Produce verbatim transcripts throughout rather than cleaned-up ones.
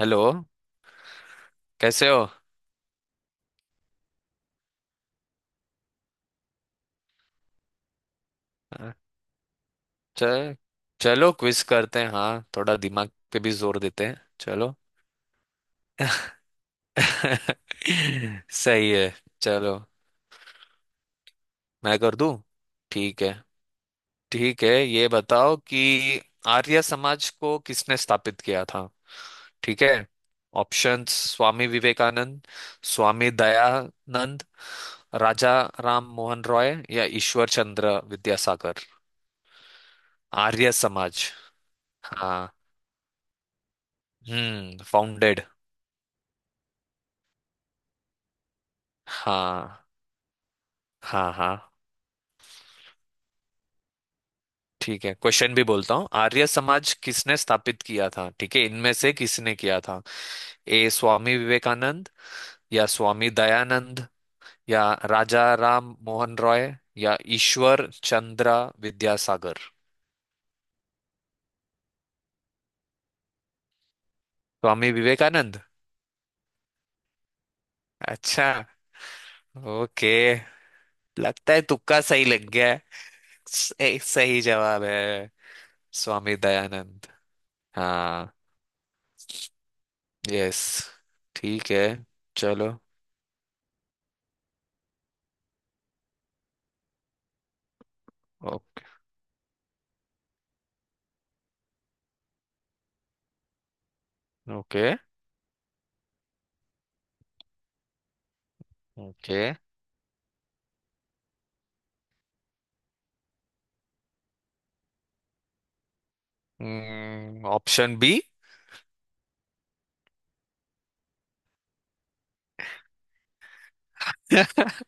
Hello. कैसे हो? अ, च, चलो क्विज करते हैं। हाँ, थोड़ा दिमाग पे भी जोर देते हैं। चलो। सही है। चलो, मैं कर दूं? ठीक है। ठीक है, ये बताओ कि आर्य समाज को किसने स्थापित किया था? ठीक है। ऑप्शंस। स्वामी विवेकानंद, स्वामी दयानंद, राजा राम मोहन रॉय, या ईश्वर चंद्र विद्यासागर। आर्य समाज। हाँ। हम्म, फाउंडेड। हाँ हाँ हाँ। ठीक है, क्वेश्चन भी बोलता हूँ। आर्य समाज किसने स्थापित किया था? ठीक है, इनमें से किसने किया था? ए, स्वामी विवेकानंद, या स्वामी दयानंद, या राजा राम मोहन रॉय, या ईश्वर चंद्र विद्यासागर। स्वामी विवेकानंद? अच्छा। ओके। लगता है तुक्का सही लग गया है। सही सही जवाब है। स्वामी दयानंद। हाँ। यस। ठीक है। चलो। Okay okay okay. Option B.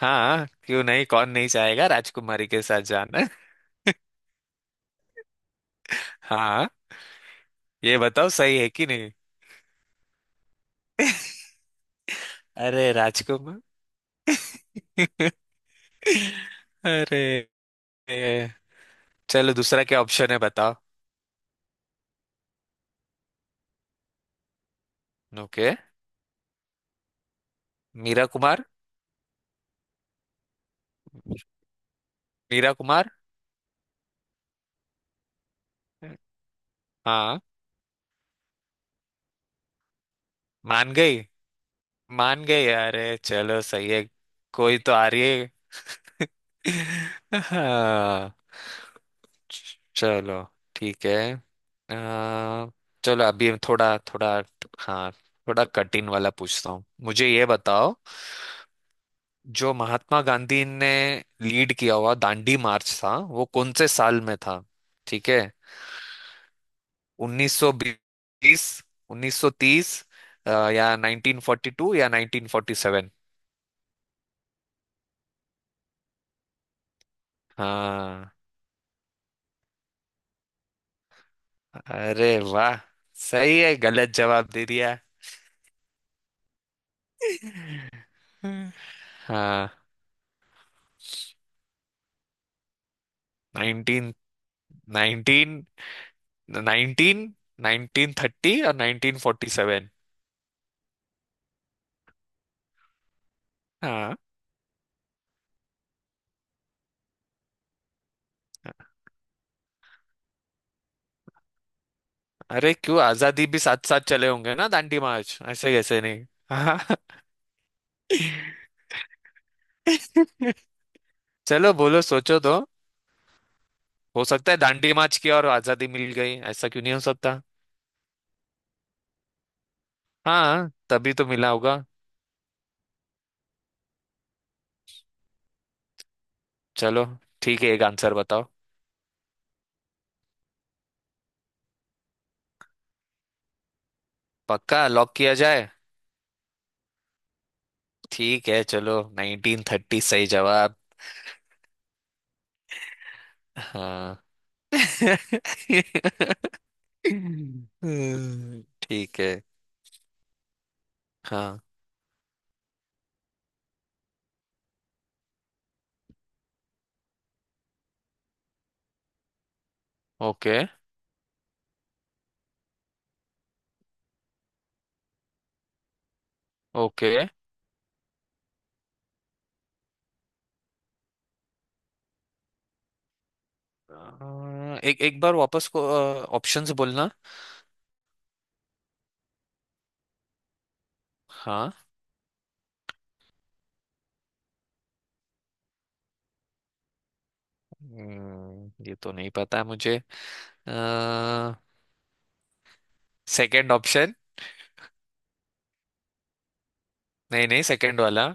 हाँ क्यों नहीं, कौन नहीं चाहेगा राजकुमारी के साथ जाना। हाँ। ये बताओ सही है कि नहीं? अरे राजकुमार। अरे चलो, दूसरा क्या ऑप्शन है बताओ? ओके। मीरा कुमार। मीरा कुमार। हाँ। मान गई। मान गई, अरे चलो सही है। कोई तो आ रही है। हाँ। चलो। ठीक है। आ, चलो अभी हम थोड़ा थोड़ा। हाँ थोड़ा कठिन वाला पूछता हूँ, मुझे ये बताओ। जो महात्मा गांधी ने लीड किया हुआ दांडी मार्च था, वो कौन से साल में था? ठीक है। उन्नीस सौ बीस, उन्नीस सौ तीस, अ, या नाइनटीन फोर्टी टू, या नाइनटीन फोर्टी सेवन। हाँ। अरे वाह। सही है, गलत जवाब दे दिया। हाँ। Nineteen thirty. Nineteen nineteen nineteen thirty और नाइनटीन फोर्टी सेवन। हाँ। अरे क्यों, आजादी भी साथ साथ चले होंगे ना दांडी मार्च, ऐसे कैसे नहीं। हाँ। चलो बोलो, सोचो तो। हो सकता है दांडी मार्च की और आजादी मिल गई, ऐसा क्यों नहीं हो सकता? हाँ तभी तो मिला होगा। चलो ठीक है, एक आंसर बताओ। पक्का लॉक किया जाए? ठीक है चलो, नाइनटीन थर्टी सही जवाब। हाँ। हम्म, ठीक है। हाँ। ओके। ओके। अ, एक एक बार वापस को ऑप्शंस बोलना। हाँ। हम्म, ये तो नहीं पता है मुझे। Second option. नहीं नहीं, सेकंड वाला।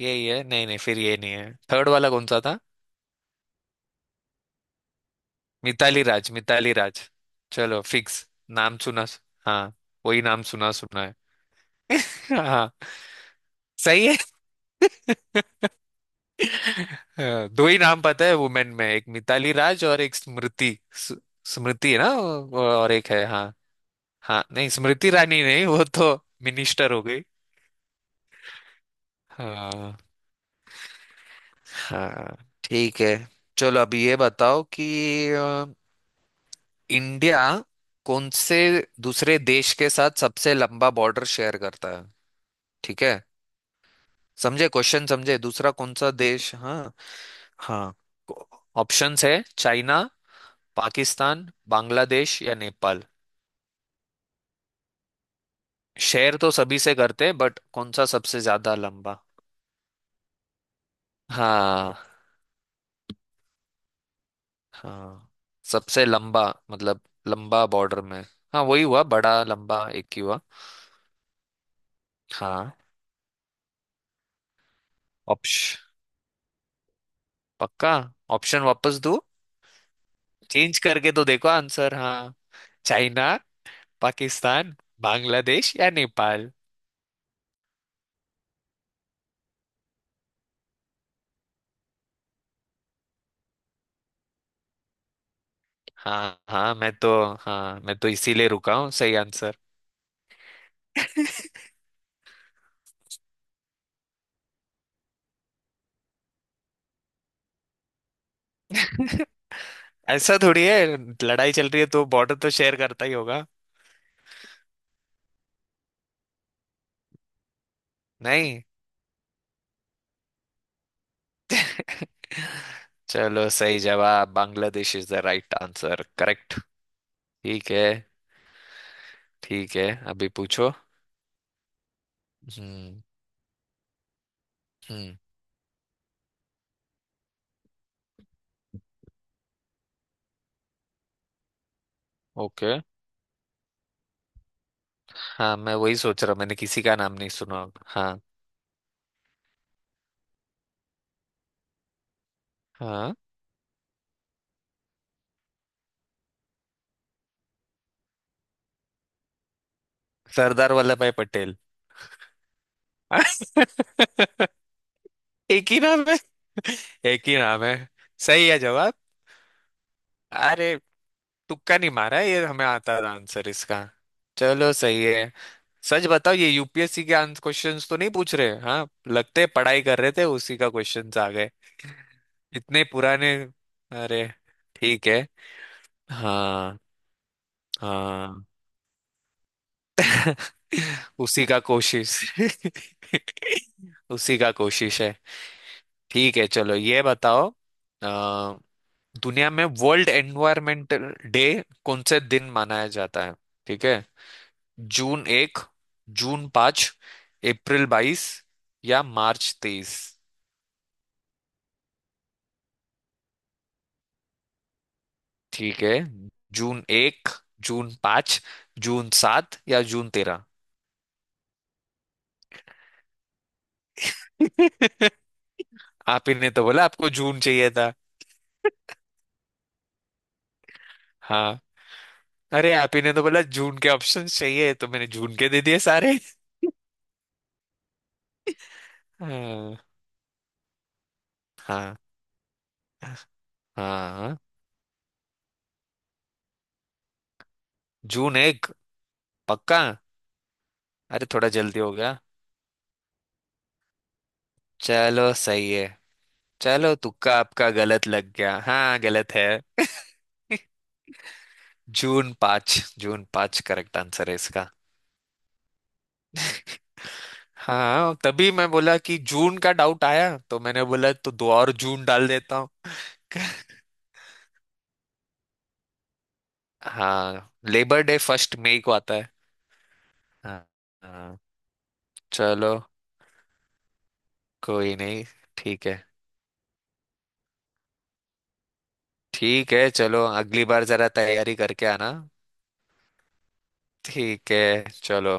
यही है। नहीं नहीं, फिर ये नहीं है। थर्ड वाला कौन सा था? मिताली राज। मिताली राज। चलो फिक्स। नाम सुना। हाँ वही, नाम सुना सुना है। हाँ। सही है। अ, दो ही नाम पता है वुमेन में, एक मिताली राज और एक स्मृति स-। स्मृति है ना वो- और एक है। हाँ। हाँ नहीं, स्मृति रानी नहीं, वो तो मिनिस्टर हो गई। हाँ। हाँ। ठीक है। चलो अभी ये बताओ कि अ, इंडिया कौन से दूसरे देश के साथ सबसे लंबा बॉर्डर शेयर करता है? ठीक है। समझे क्वेश्चन? समझे, दूसरा कौन सा देश। हाँ। हाँ। ऑप्शंस है चाइना, पाकिस्तान, बांग्लादेश या नेपाल। शेयर तो सभी से करते हैं बट कौन सा सबसे ज्यादा लंबा। हाँ। हाँ, सबसे लंबा, मतलब लंबा बॉर्डर में। हाँ वही हुआ, बड़ा लंबा एक ही हुआ। हाँ। ऑप्श, पक्का। ऑप्शन वापस दो, चेंज करके तो देखो आंसर। हाँ। चाइना, पाकिस्तान, बांग्लादेश या नेपाल। हाँ। हाँ मैं तो, हाँ मैं तो इसीलिए रुका हूँ सही आंसर। ऐसा थोड़ी है, लड़ाई चल रही है तो बॉर्डर तो शेयर करता ही होगा। नहीं। चलो सही जवाब, Bangladesh is the right answer, correct. ठीक है। ठीक है। अभी पूछो। हम्म। हम्म। ओके। हाँ मैं वही सोच रहा हूँ, मैंने किसी का नाम नहीं सुना होगा। हाँ। हाँ। सरदार वल्लभ भाई पटेल। एक ही नाम है। एक ही नाम है। सही है जवाब। अरे, तुक्का नहीं मारा है, ये हमें आता था आंसर इसका। चलो सही है। सच बताओ, ये यूपीएससी के आंसर क्वेश्चंस तो नहीं पूछ रहे? हाँ लगते हैं, पढ़ाई कर रहे थे उसी का क्वेश्चंस आ गए, इतने पुराने। अरे। ठीक है। हाँ। हाँ। उसी का कोशिश। उसी का कोशिश है। ठीक है चलो, ये बताओ। अ, दुनिया में वर्ल्ड एनवायरमेंटल डे कौन से दिन मनाया जाता है? ठीक है। जून एक, जून पाँच, अप्रैल बाईस, या मार्च तेईस। ठीक है। जून एक, जून पाँच, जून सात, या जून तेरह। आप ही ने तो बोला आपको जून चाहिए था। हाँ। अरे आप ही ने तो बोला जून के ऑप्शन चाहिए, तो मैंने जून के दे दिए सारे। हाँ। हाँ। हाँ। जून एक। पक्का? अरे थोड़ा जल्दी हो गया। चलो सही है। चलो तुक्का आपका गलत लग गया, हाँ गलत है। जून पाँच, जून पाँच करेक्ट आंसर है इसका। हाँ तभी मैं बोला कि जून का डाउट आया, तो मैंने बोला तो दो और जून डाल देता हूँ। हाँ लेबर डे फर्स्ट मई को आता है। हाँ। हाँ, चलो। कोई नहीं। ठीक है। ठीक है चलो, अगली बार जरा तैयारी करके आना। ठीक है। चलो।